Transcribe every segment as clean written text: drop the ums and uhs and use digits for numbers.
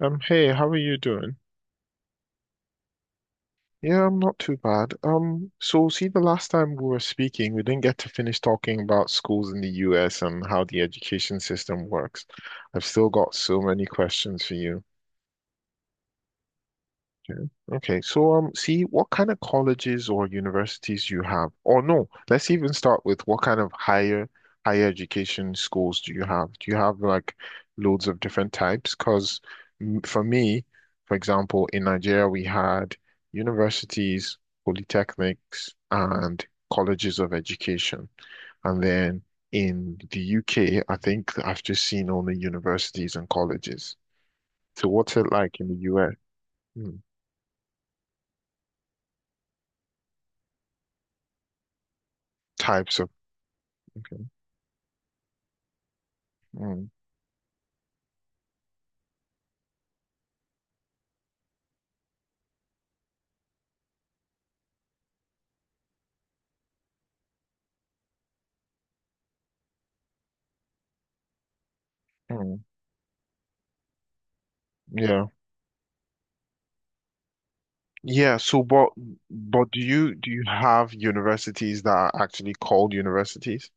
Hey, how are you doing? Yeah, I'm not too bad. So see, the last time we were speaking, we didn't get to finish talking about schools in the US and how the education system works. I've still got so many questions for you. Okay. Okay. See what kind of colleges or universities you have, or no, let's even start with what kind of higher education schools do you have? Do you have like loads of different types? Because for me, for example, in Nigeria we had universities, polytechnics, and colleges of education, and then in the UK, I think I've just seen only universities and colleges. So, what's it like in the US? Hmm. Types of. Mm, mm, yeah. Yeah, so but do you have universities that are actually called universities?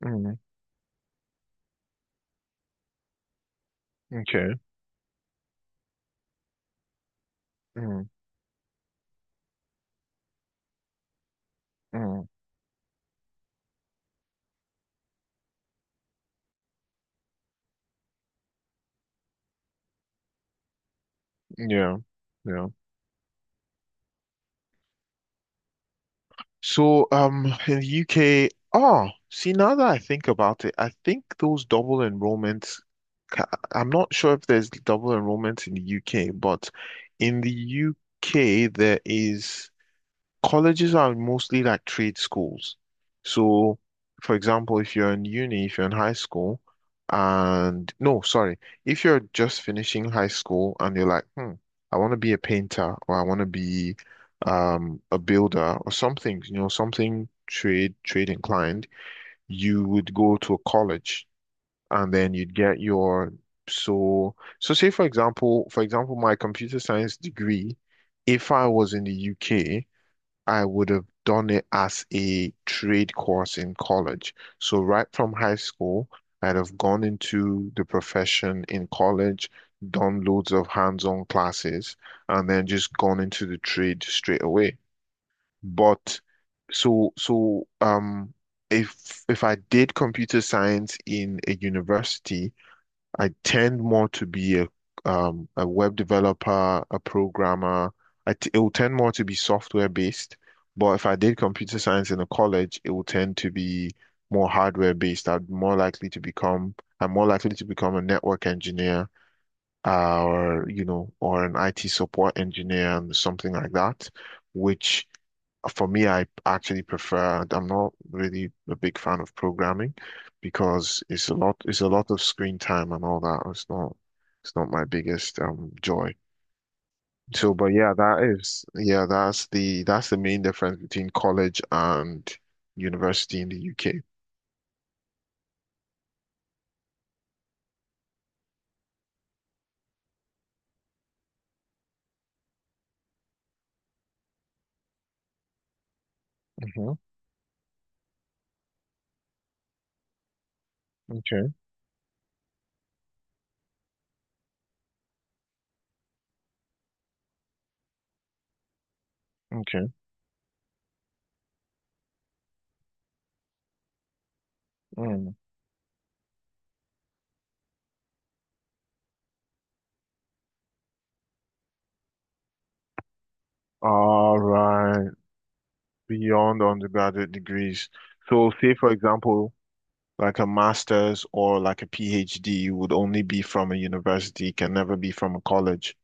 Mm, okay. Mm, mm, yeah. Yeah. So in the UK, oh, see now that I think about it, I think those double enrollments ca- I'm not sure if there's double enrollment in the UK, but in the UK there is, colleges are mostly like trade schools. So, for example, if you're in uni, if you're in high school, and no, sorry, if you're just finishing high school and you're like, I want to be a painter or I want to be a builder or something, you know, something trade inclined, you would go to a college and then you'd get your say for example, my computer science degree, if I was in the UK. I would have done it as a trade course in college. So right from high school, I'd have gone into the profession in college, done loads of hands-on classes, and then just gone into the trade straight away. But so so um if I did computer science in a university, I tend more to be a web developer, a programmer. I t it will tend more to be software based, but if I did computer science in a college, it will tend to be more hardware based. I'm more likely to become a network engineer, or you know, or an IT support engineer and something like that, which for me, I actually prefer. I'm not really a big fan of programming because it's a lot of screen time and all that. It's not my biggest joy. So, but yeah, that is, yeah, that's the main difference between college and university in the UK. Hmm. Okay. Okay. Mm. All right. Beyond undergraduate degrees. So, say for example, like a master's or like a PhD would only be from a university, can never be from a college.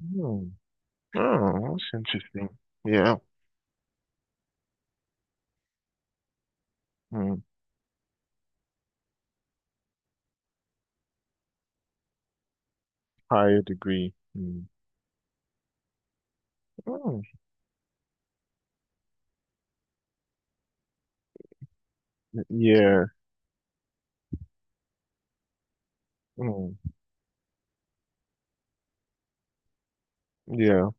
Hmm. Oh, that's interesting. Yeah. Hmm. Higher degree. Hmm. Hmm. Yeah. Hmm. Yeah.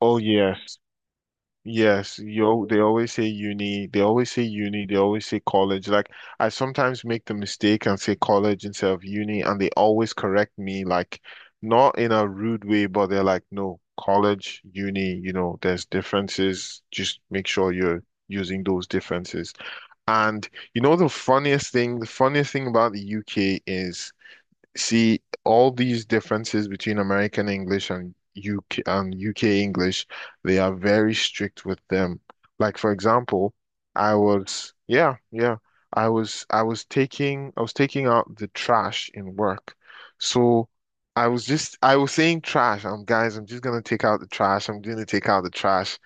Oh, yes. They always say uni, they always say uni, they always say college. Like I sometimes make the mistake and say college instead of uni, and they always correct me, like not in a rude way, but they're like, no, college, uni, you know, there's differences. Just make sure you're using those differences. And you know the funniest thing about the UK is, see, all these differences between American English and UK and UK English, they are very strict with them. Like for example, I was yeah, yeah. I was taking out the trash in work. So I was saying trash. I'm just gonna take out the trash. I'm gonna take out the trash.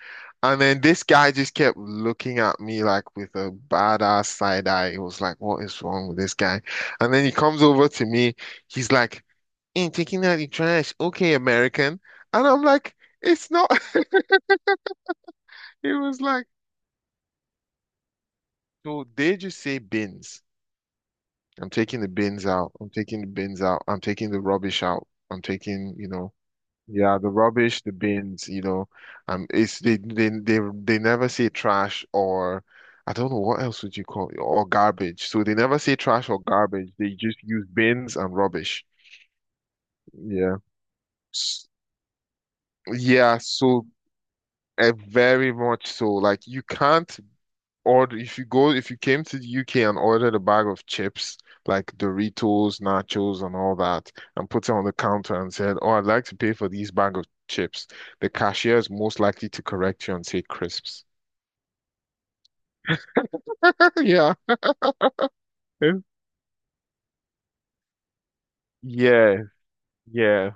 And then this guy just kept looking at me like with a badass side eye. It was like, what is wrong with this guy? And then he comes over to me. He's like, ain't taking out the trash. Okay, American. And I'm like, it's not. It was like, so they just say bins. I'm taking the bins out. I'm taking the bins out. I'm taking the rubbish out. I'm taking, you know, yeah, the rubbish, the bins, you know. It's they they never say trash or I don't know what else would you call it, or garbage. So they never say trash or garbage. They just use bins and rubbish. Yeah. S- yeah, so, uh, very much so. Like you can't order if you go, if you came to the UK and ordered a bag of chips like Doritos, nachos, and all that, and put it on the counter and said, "Oh, I'd like to pay for these bag of chips." The cashier is most likely to correct you and say crisps. Yeah, yeah, yeah.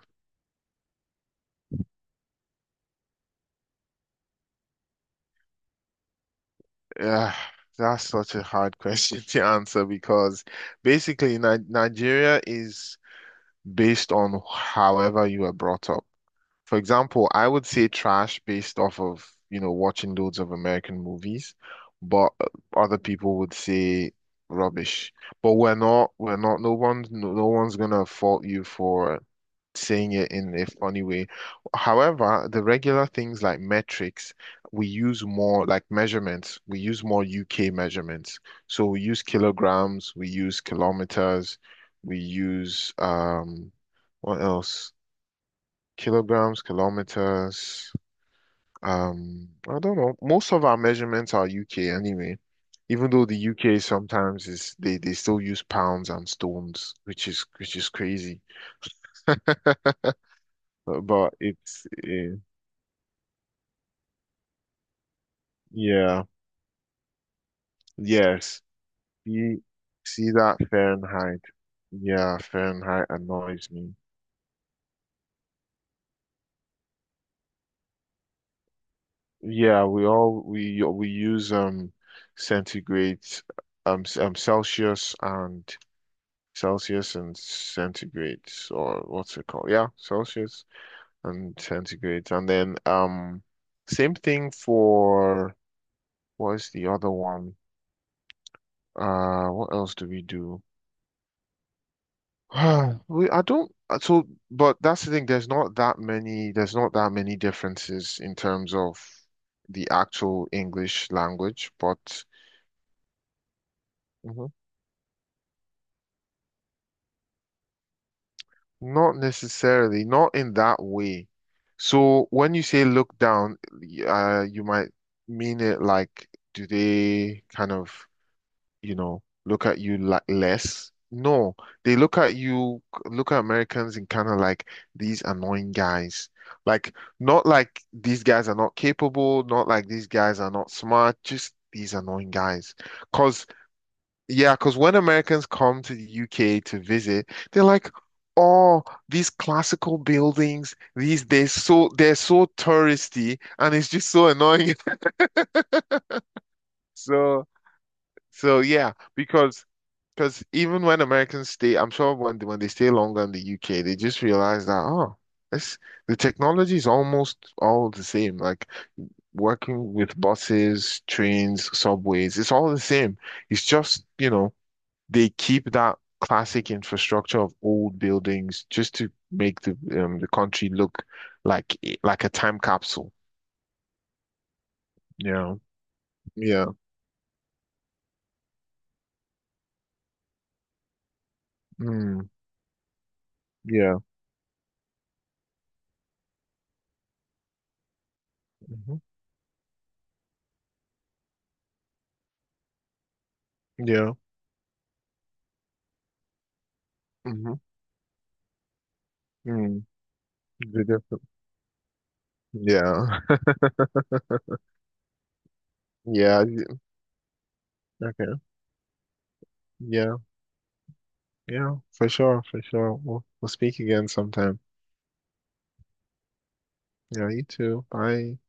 Uh, that's such a hard question to answer because basically, Ni Nigeria is based on however you were brought up. For example, I would say trash based off of, you know, watching loads of American movies, but other people would say rubbish. But we're not, no one's, no, no one's gonna fault you for saying it in a funny way. However, the regular things like metrics, we use more like measurements, we use more UK measurements. So we use kilograms, we use kilometers, we use, what else? Kilograms, kilometers. I don't know. Most of our measurements are UK anyway. Even though the UK sometimes is they still use pounds and stones, which is crazy. But it's eh, yeah, yes. You see that Fahrenheit? Yeah, Fahrenheit annoys me. Yeah, we use centigrade, Celsius and Celsius and centigrades, or what's it called? Yeah, Celsius and centigrades. And then same thing for what is the other one? What else do we do? We I don't So but that's the thing, there's not that many there's not that many differences in terms of the actual English language, but mhm. Not necessarily, not in that way. So when you say look down, you might mean it like, do they kind of, you know, look at you like less? No, they look at you, look at Americans and kind of like these annoying guys. Like, not like these guys are not capable, not like these guys are not smart, just these annoying guys. Because yeah, because when Americans come to the UK to visit, they're like, oh, these classical buildings, these they're so touristy and it's just so annoying. So yeah, because even when Americans stay, I'm sure when they stay longer in the UK, they just realize that oh, it's the technology is almost all the same. Like working with buses, trains, subways, it's all the same. It's just, you know, they keep that classic infrastructure of old buildings just to make the country look like like a time capsule. Yeah, yeah, mm, yeah, hmm, yeah, hmm, mm, the different, yeah, yeah, okay, yeah, yeah, for sure, for sure. We'll speak again sometime. Yeah, you too. Bye.